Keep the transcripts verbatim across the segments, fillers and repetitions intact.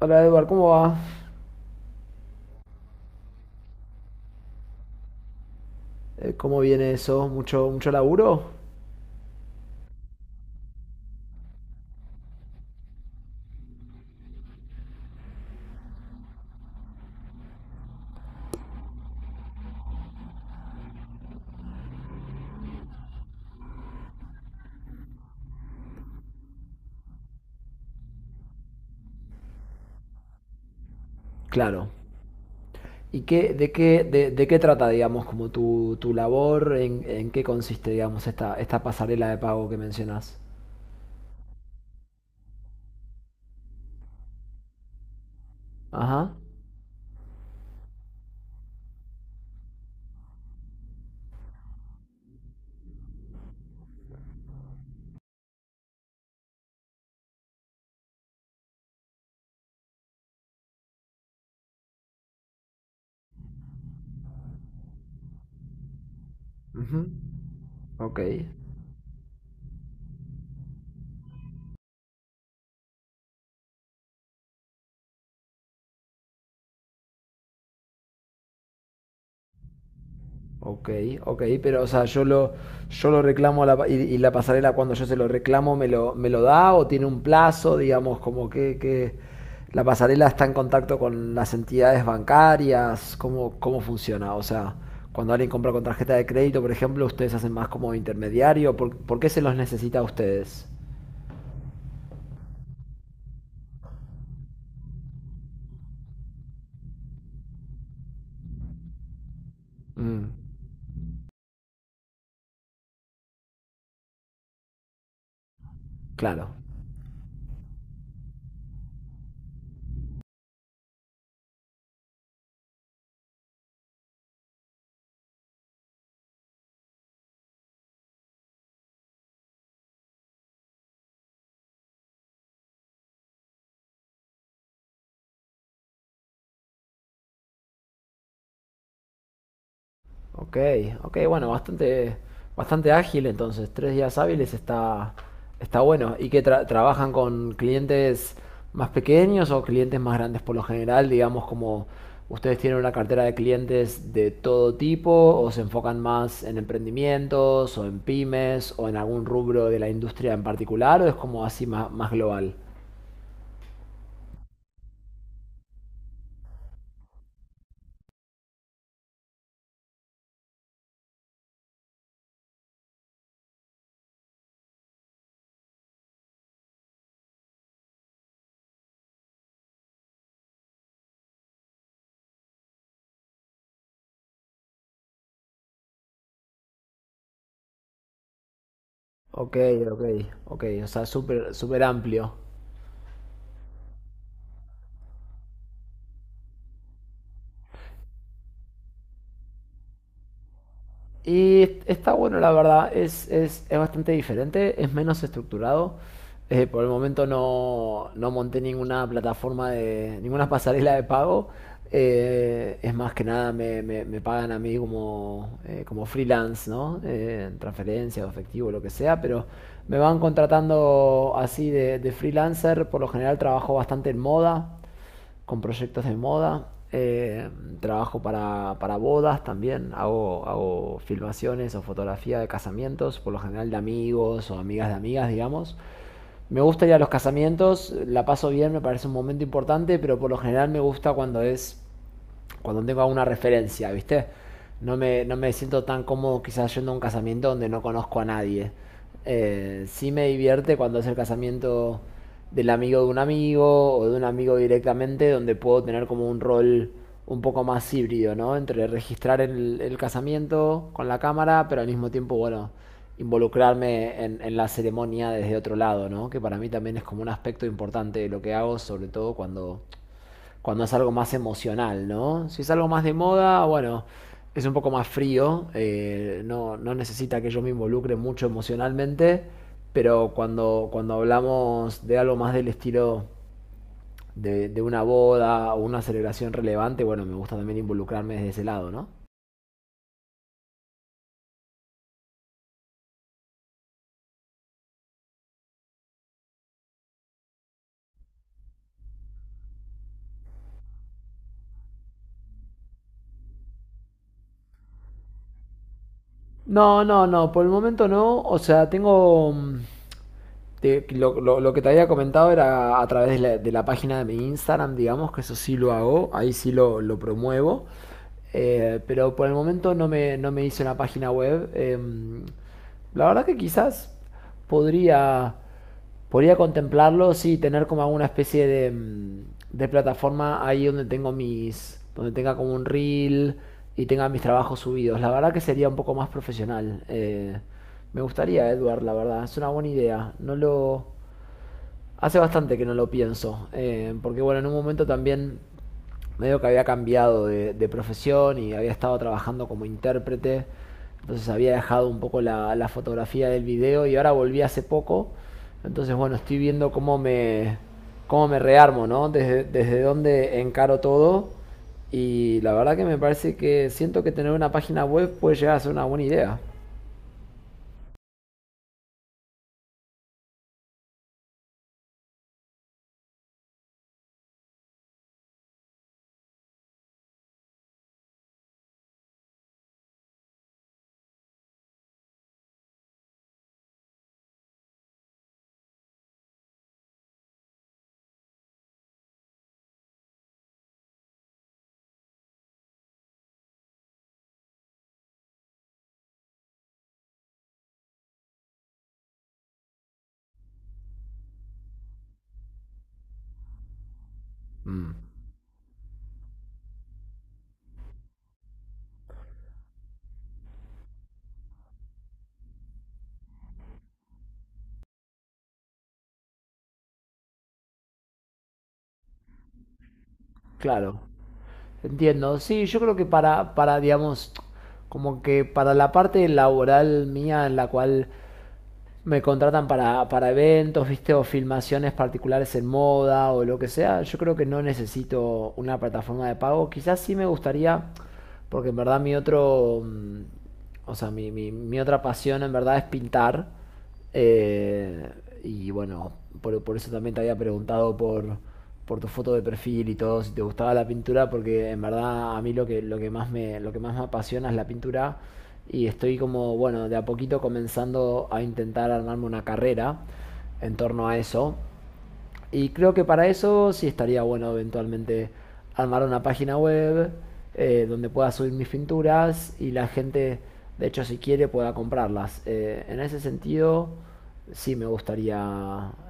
Hola Eduard, ¿cómo va? Eh, ¿Cómo viene eso? ¿Mucho, mucho laburo? Claro. ¿Y qué, de qué, de, de qué trata, digamos, como tu, tu labor? ¿En, en qué consiste, digamos, esta, esta pasarela de pago que mencionas? Ajá. Ujú. Ok. Ok, ok, pero o sea, yo lo, yo lo reclamo a la pa- y, y la pasarela cuando yo se lo reclamo me lo, me lo da o tiene un plazo, digamos, como que, que la pasarela está en contacto con las entidades bancarias, ¿cómo, cómo funciona? O sea, cuando alguien compra con tarjeta de crédito, por ejemplo, ustedes hacen más como intermediario, ¿por, por qué se los necesita a ustedes? Mm, claro. Ok, ok, bueno, bastante, bastante ágil entonces, tres días hábiles está, está bueno. ¿Y que tra- trabajan con clientes más pequeños o clientes más grandes por lo general? Digamos, como ustedes tienen una cartera de clientes de todo tipo o se enfocan más en emprendimientos o en pymes o en algún rubro de la industria en particular o es como así más, más global. Ok, ok, ok, o sea, súper, súper amplio. Y está bueno, la verdad, es, es, es bastante diferente, es menos estructurado. Eh, por el momento no, no monté ninguna plataforma de, ninguna pasarela de pago. Eh, es más que nada me, me- me pagan a mí como, eh, como freelance, ¿no? Eh, en transferencia o efectivo, lo que sea, pero me van contratando así de, de freelancer. Por lo general trabajo bastante en moda con proyectos de moda. Eh, trabajo para, para bodas también. Hago, hago filmaciones o fotografía de casamientos, por lo general de amigos o amigas de amigas, digamos. Me gusta ir a los casamientos, la paso bien, me parece un momento importante, pero por lo general me gusta cuando es cuando tengo alguna referencia, ¿viste? No me, no me siento tan cómodo quizás yendo a un casamiento donde no conozco a nadie. Eh, sí me divierte cuando es el casamiento del amigo de un amigo o de un amigo directamente, donde puedo tener como un rol un poco más híbrido, ¿no? Entre registrar el, el casamiento con la cámara, pero al mismo tiempo, bueno, involucrarme en, en la ceremonia desde otro lado, ¿no? Que para mí también es como un aspecto importante de lo que hago, sobre todo cuando cuando es algo más emocional, ¿no? Si es algo más de moda, bueno, es un poco más frío, eh, no, no necesita que yo me involucre mucho emocionalmente, pero cuando, cuando hablamos de algo más del estilo de, de una boda o una celebración relevante, bueno, me gusta también involucrarme desde ese lado, ¿no? No, no, no, por el momento no, o sea, tengo... mm, Te- lo, lo- lo que te había comentado era a través de la, de la página de mi Instagram, digamos, que eso sí lo hago, ahí sí lo, lo promuevo. Eh, pero por el momento no me, no me hice una página web. Em, la verdad que quizás podría. Podría contemplarlo, sí, tener como alguna especie de, mm, de plataforma ahí donde tengo mis, donde tenga como un reel y tenga mis trabajos subidos. La verdad que sería un poco más profesional. Eh, me gustaría, Edward, la verdad, es una buena idea. No lo, Hace bastante que no lo pienso, eh, porque bueno, en un momento también medio que había cambiado de, de profesión y había estado trabajando como intérprete, entonces había dejado un poco la, la fotografía del video y ahora volví hace poco, entonces bueno, estoy viendo cómo me, cómo me rearmo, ¿no? Desde, desde dónde encaro todo y la verdad que me parece que siento que tener una página web puede llegar a ser una buena idea, claro. Entiendo, sí, yo creo que para, para, digamos, como que para la parte laboral mía en la cual me contratan para, para eventos, viste, o filmaciones particulares en moda o lo que sea, yo creo que no necesito una plataforma de pago. Quizás sí me gustaría porque en verdad mi otro, mm, o sea, mi, mi- mi otra pasión en verdad es pintar. eh, y bueno, por, por eso también te había preguntado por, por tu foto de perfil y todo, si te gustaba la pintura, porque en verdad a mí lo que, lo que más me, lo que más me apasiona es la pintura. Y estoy como, bueno, de a poquito comenzando a intentar armarme una carrera en torno a eso. Y creo que para eso sí estaría bueno eventualmente armar una página web eh, donde pueda subir mis pinturas y la gente, de hecho, si quiere, pueda comprarlas. Eh, en ese sentido, sí me gustaría,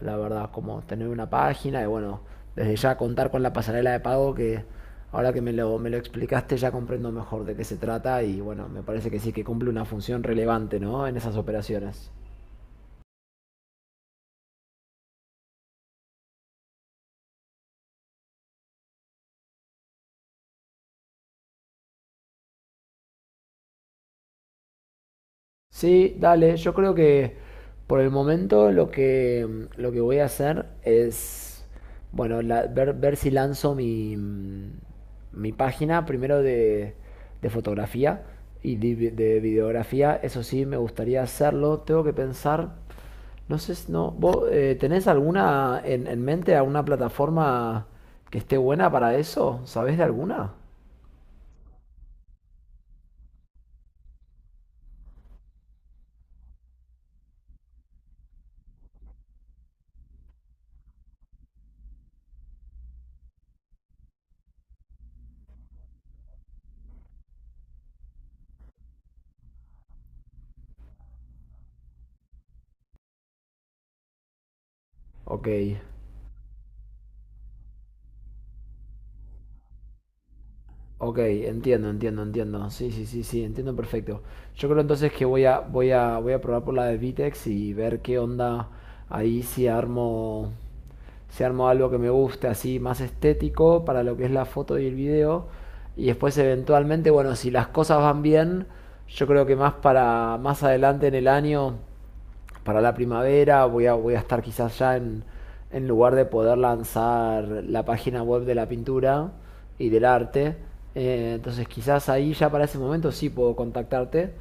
la verdad, como tener una página y bueno, desde ya contar con la pasarela de pago que ahora que me lo, me lo explicaste ya comprendo mejor de qué se trata y bueno, me parece que sí que cumple una función relevante, ¿no? En esas operaciones. Sí, dale, yo creo que por el momento lo que, lo que voy a hacer es, bueno, la- ver, ver si lanzo mi, mi página primero de, de fotografía y de, vi- de videografía, eso sí, me gustaría hacerlo, tengo que pensar, no sé, si- no, ¿vos eh, tenés alguna en, en mente, alguna plataforma que esté buena para eso? ¿Sabés de alguna? Ok. Ok, entiendo, entiendo, entiendo. Sí, sí, sí, sí, entiendo perfecto. Yo creo entonces que voy a, voy a, voy a probar por la de Vitex y ver qué onda ahí si armo, si armo algo que me guste, así más estético para lo que es la foto y el video. Y después eventualmente, bueno, si las cosas van bien, yo creo que más para más adelante en el año para la primavera voy a, voy a estar quizás ya en, en lugar de poder lanzar la página web de la pintura y del arte. Eh, entonces quizás ahí ya para ese momento sí puedo contactarte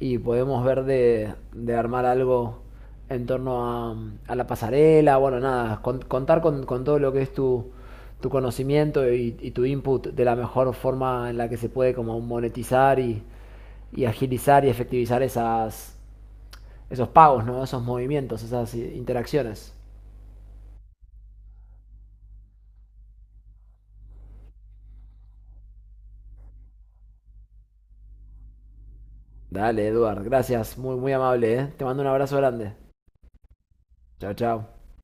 y podemos ver de, de armar algo en torno a, a la pasarela, bueno, nada, con- contar con, con todo lo que es tu, tu conocimiento y, y tu input de la mejor forma en la que se puede como monetizar y, y agilizar y efectivizar esas, esos pagos, ¿no? Esos movimientos, esas interacciones. Dale, Eduard, gracias, muy, muy amable, ¿eh? Te mando un abrazo grande. Chao, chao.